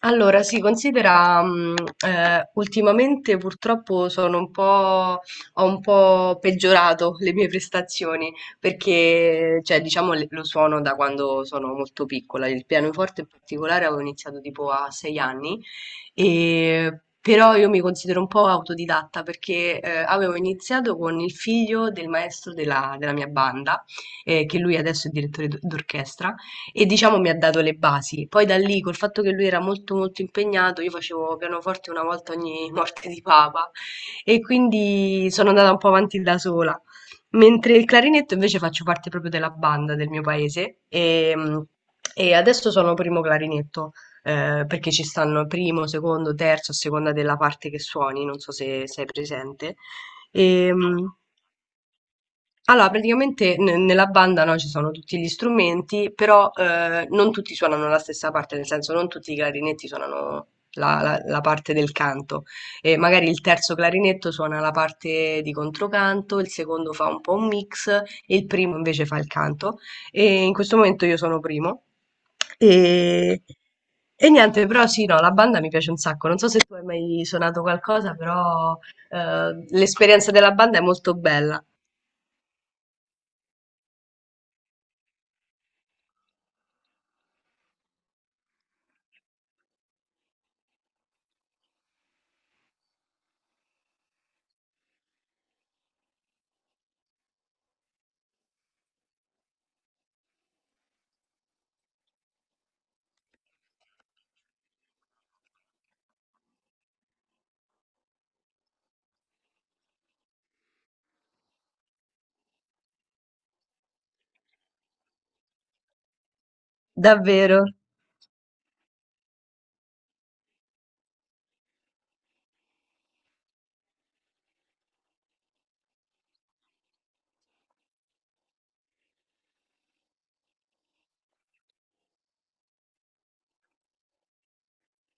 Allora, si considera, ultimamente purtroppo sono un po', ho un po' peggiorato le mie prestazioni perché, cioè, diciamo, lo suono da quando sono molto piccola. Il pianoforte in particolare avevo iniziato tipo a 6 anni, però io mi considero un po' autodidatta perché avevo iniziato con il figlio del maestro della mia banda, che lui adesso è direttore d'orchestra e diciamo mi ha dato le basi. Poi da lì, col fatto che lui era molto molto impegnato, io facevo pianoforte una volta ogni morte di papa e quindi sono andata un po' avanti da sola. Mentre il clarinetto invece faccio parte proprio della banda del mio paese e adesso sono primo clarinetto, perché ci stanno primo, secondo, terzo, a seconda della parte che suoni, non so se sei presente. E, allora, praticamente nella banda no, ci sono tutti gli strumenti, però non tutti suonano la stessa parte, nel senso non tutti i clarinetti suonano la parte del canto. E magari il terzo clarinetto suona la parte di controcanto, il secondo fa un po' un mix e il primo invece fa il canto. E in questo momento io sono primo. E, e niente, però sì, no, la banda mi piace un sacco. Non so se tu hai mai suonato qualcosa, però l'esperienza della banda è molto bella. Davvero?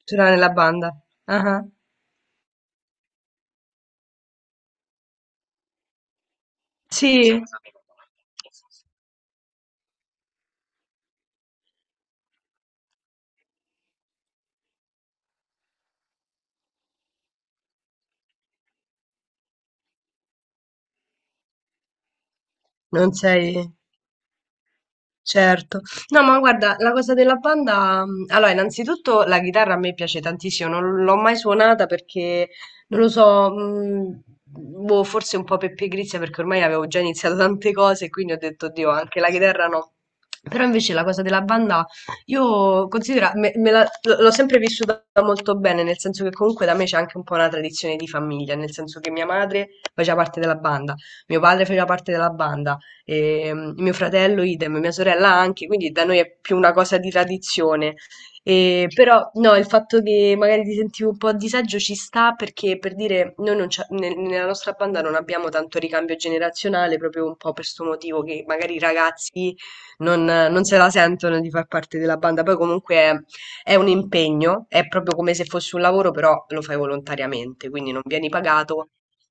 Ce l'ha nella banda. Ah ah. Sì? Non sei... Certo. No, ma guarda, la cosa della banda, mm, allora, innanzitutto la chitarra a me piace tantissimo, non l'ho mai suonata perché, non lo so, mm, boh, forse un po' per pigrizia perché ormai avevo già iniziato tante cose e quindi ho detto, Dio, anche la chitarra no. Però invece la cosa della banda, io considero, l'ho sempre vissuta molto bene, nel senso che comunque da me c'è anche un po' una tradizione di famiglia, nel senso che mia madre faceva parte della banda, mio padre faceva parte della banda e mm, mio fratello idem, mia sorella anche, quindi da noi è più una cosa di tradizione. E, però no, il fatto che magari ti sentivo un po' a disagio ci sta perché per dire noi non c'ha- nel- nella nostra banda non abbiamo tanto ricambio generazionale, proprio un po' per questo motivo che magari i ragazzi non se la sentono di far parte della banda, poi comunque è un impegno, è proprio come se fosse un lavoro, però lo fai volontariamente, quindi non vieni pagato.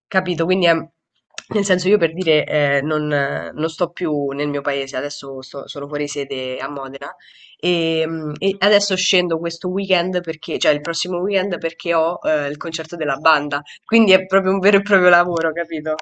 Capito? Quindi è, nel senso io per dire non sto più nel mio paese, adesso sono fuori sede a Modena e adesso scendo questo weekend perché, cioè il prossimo weekend perché ho il concerto della banda, quindi è proprio un vero e proprio lavoro, capito?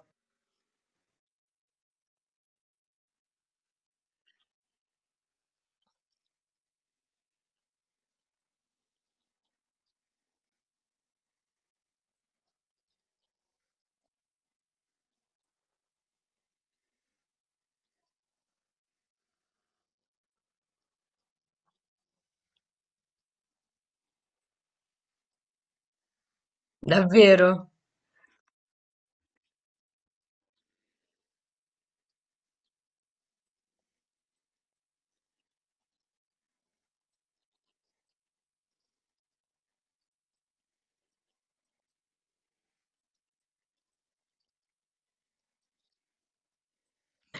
Davvero.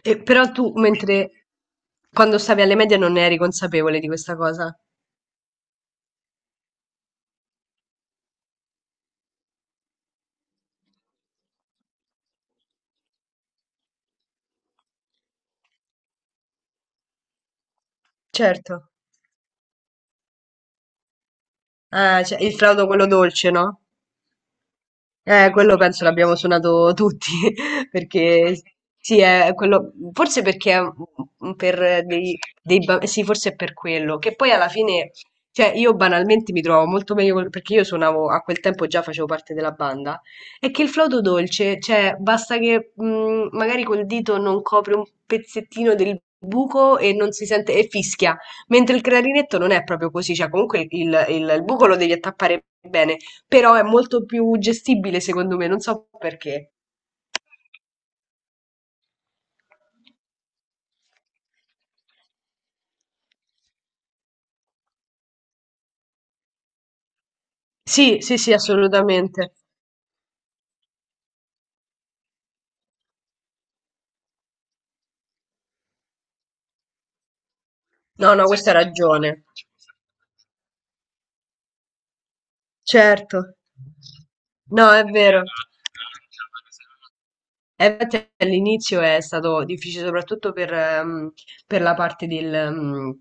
E, però tu, mentre quando stavi alle medie non ne eri consapevole di questa cosa? Certo. Ah, cioè, il flauto quello dolce, no? Quello penso l'abbiamo suonato tutti, perché sì, è quello, forse perché è un- per dei, dei ba- sì, forse è per quello, che poi alla fine, cioè io banalmente mi trovo molto meglio, perché io suonavo, a quel tempo già facevo parte della banda, è che il flauto dolce, cioè basta che magari col dito non copre un pezzettino del buco e non si sente, e fischia, mentre il clarinetto non è proprio così, cioè comunque il buco lo devi attappare bene però è molto più gestibile secondo me, non so perché. Sì, sì, sì, assolutamente. No, no, questa ha ragione. Certo. No, è vero. Infatti all'inizio è stato difficile soprattutto per la parte del, ehm,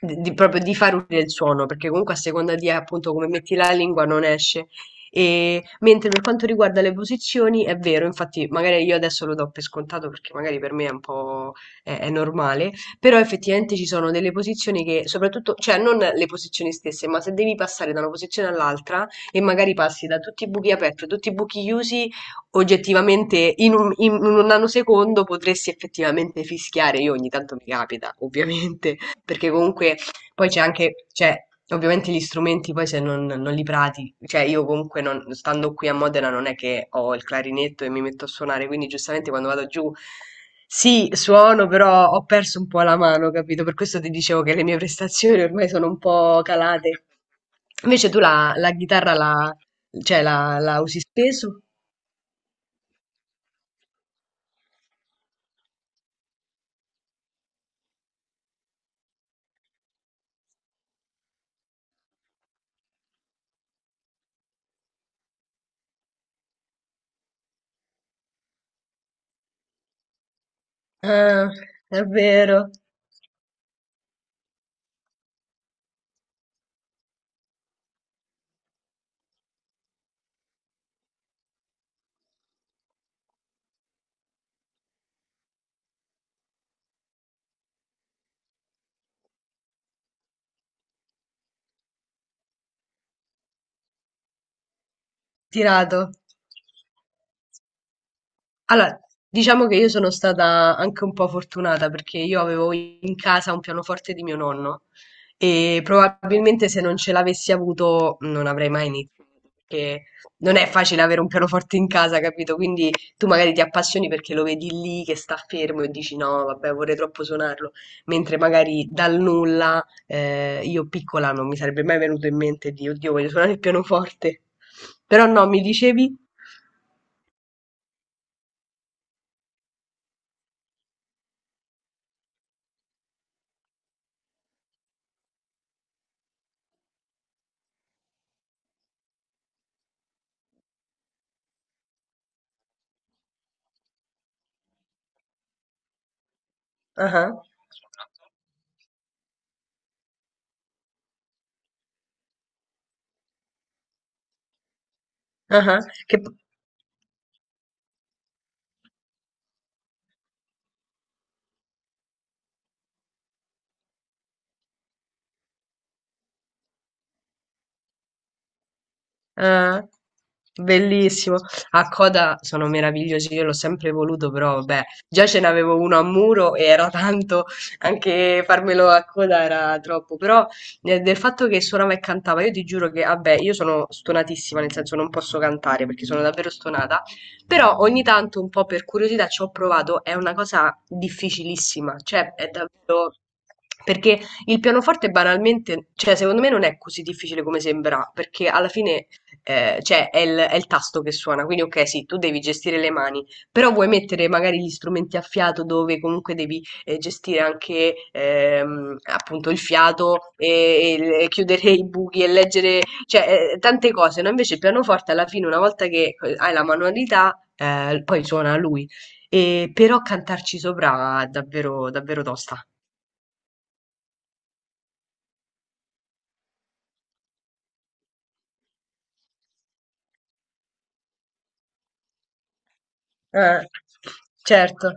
di, di- proprio di far uscire il suono, perché comunque a seconda di appunto come metti la lingua non esce. E, mentre per quanto riguarda le posizioni, è vero, infatti magari io adesso lo do per scontato perché magari per me è un po' è normale, però effettivamente ci sono delle posizioni che soprattutto, cioè non le posizioni stesse, ma se devi passare da una posizione all'altra e magari passi da tutti i buchi aperti a tutti i buchi chiusi, oggettivamente in un nanosecondo potresti effettivamente fischiare. Io ogni tanto mi capita, ovviamente, perché comunque poi c'è anche, cioè, ovviamente gli strumenti poi se non li prati, cioè io comunque stando qui a Modena non è che ho il clarinetto e mi metto a suonare, quindi giustamente quando vado giù sì, suono, però ho perso un po' la mano, capito? Per questo ti dicevo che le mie prestazioni ormai sono un po' calate. Invece tu la chitarra cioè la usi spesso? Ah, è vero, tirato. Allora, diciamo che io sono stata anche un po' fortunata perché io avevo in casa un pianoforte di mio nonno e probabilmente se non ce l'avessi avuto non avrei mai iniziato perché non è facile avere un pianoforte in casa, capito? Quindi tu magari ti appassioni perché lo vedi lì che sta fermo e dici no, vabbè, vorrei troppo suonarlo, mentre magari dal nulla io piccola non mi sarebbe mai venuto in mente di oddio, voglio suonare il pianoforte. Però no, mi dicevi? Ah ah. Ah-ah, che p. Eh, bellissimo. A coda sono meravigliosi, io l'ho sempre voluto, però vabbè, già ce n'avevo uno a muro e era tanto, anche farmelo a coda era troppo, però del fatto che suonava e cantava, io ti giuro che, vabbè, io sono stonatissima, nel senso non posso cantare perché sono davvero stonata, però ogni tanto un po' per curiosità ci ho provato, è una cosa difficilissima, cioè è davvero... Perché il pianoforte banalmente, cioè secondo me non è così difficile come sembra, perché alla fine cioè è il tasto che suona, quindi ok, sì, tu devi gestire le mani, però vuoi mettere magari gli strumenti a fiato dove comunque devi gestire anche appunto il fiato e chiudere i buchi e leggere, cioè tante cose, no? Invece il pianoforte alla fine, una volta che hai la manualità, poi suona lui, però cantarci sopra è davvero, davvero tosta. Eh, certo.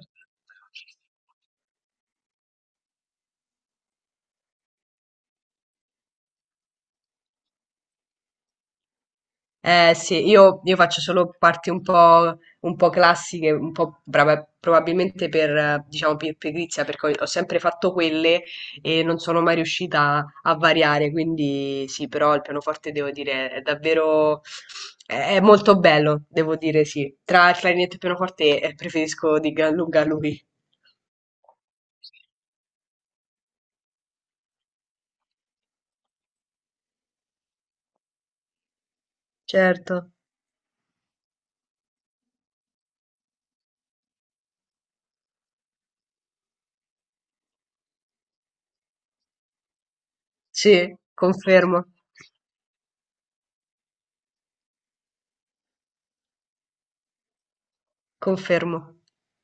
Eh sì, io faccio solo parti un po' classiche, un po' brava probabilmente per, diciamo, per pigrizia, perché ho sempre fatto quelle e non sono mai riuscita a variare, quindi sì, però il pianoforte devo dire è davvero è molto bello, devo dire sì. Tra il clarinetto e il pianoforte preferisco di gran lunga lui. Certo, sì, confermo, confermo.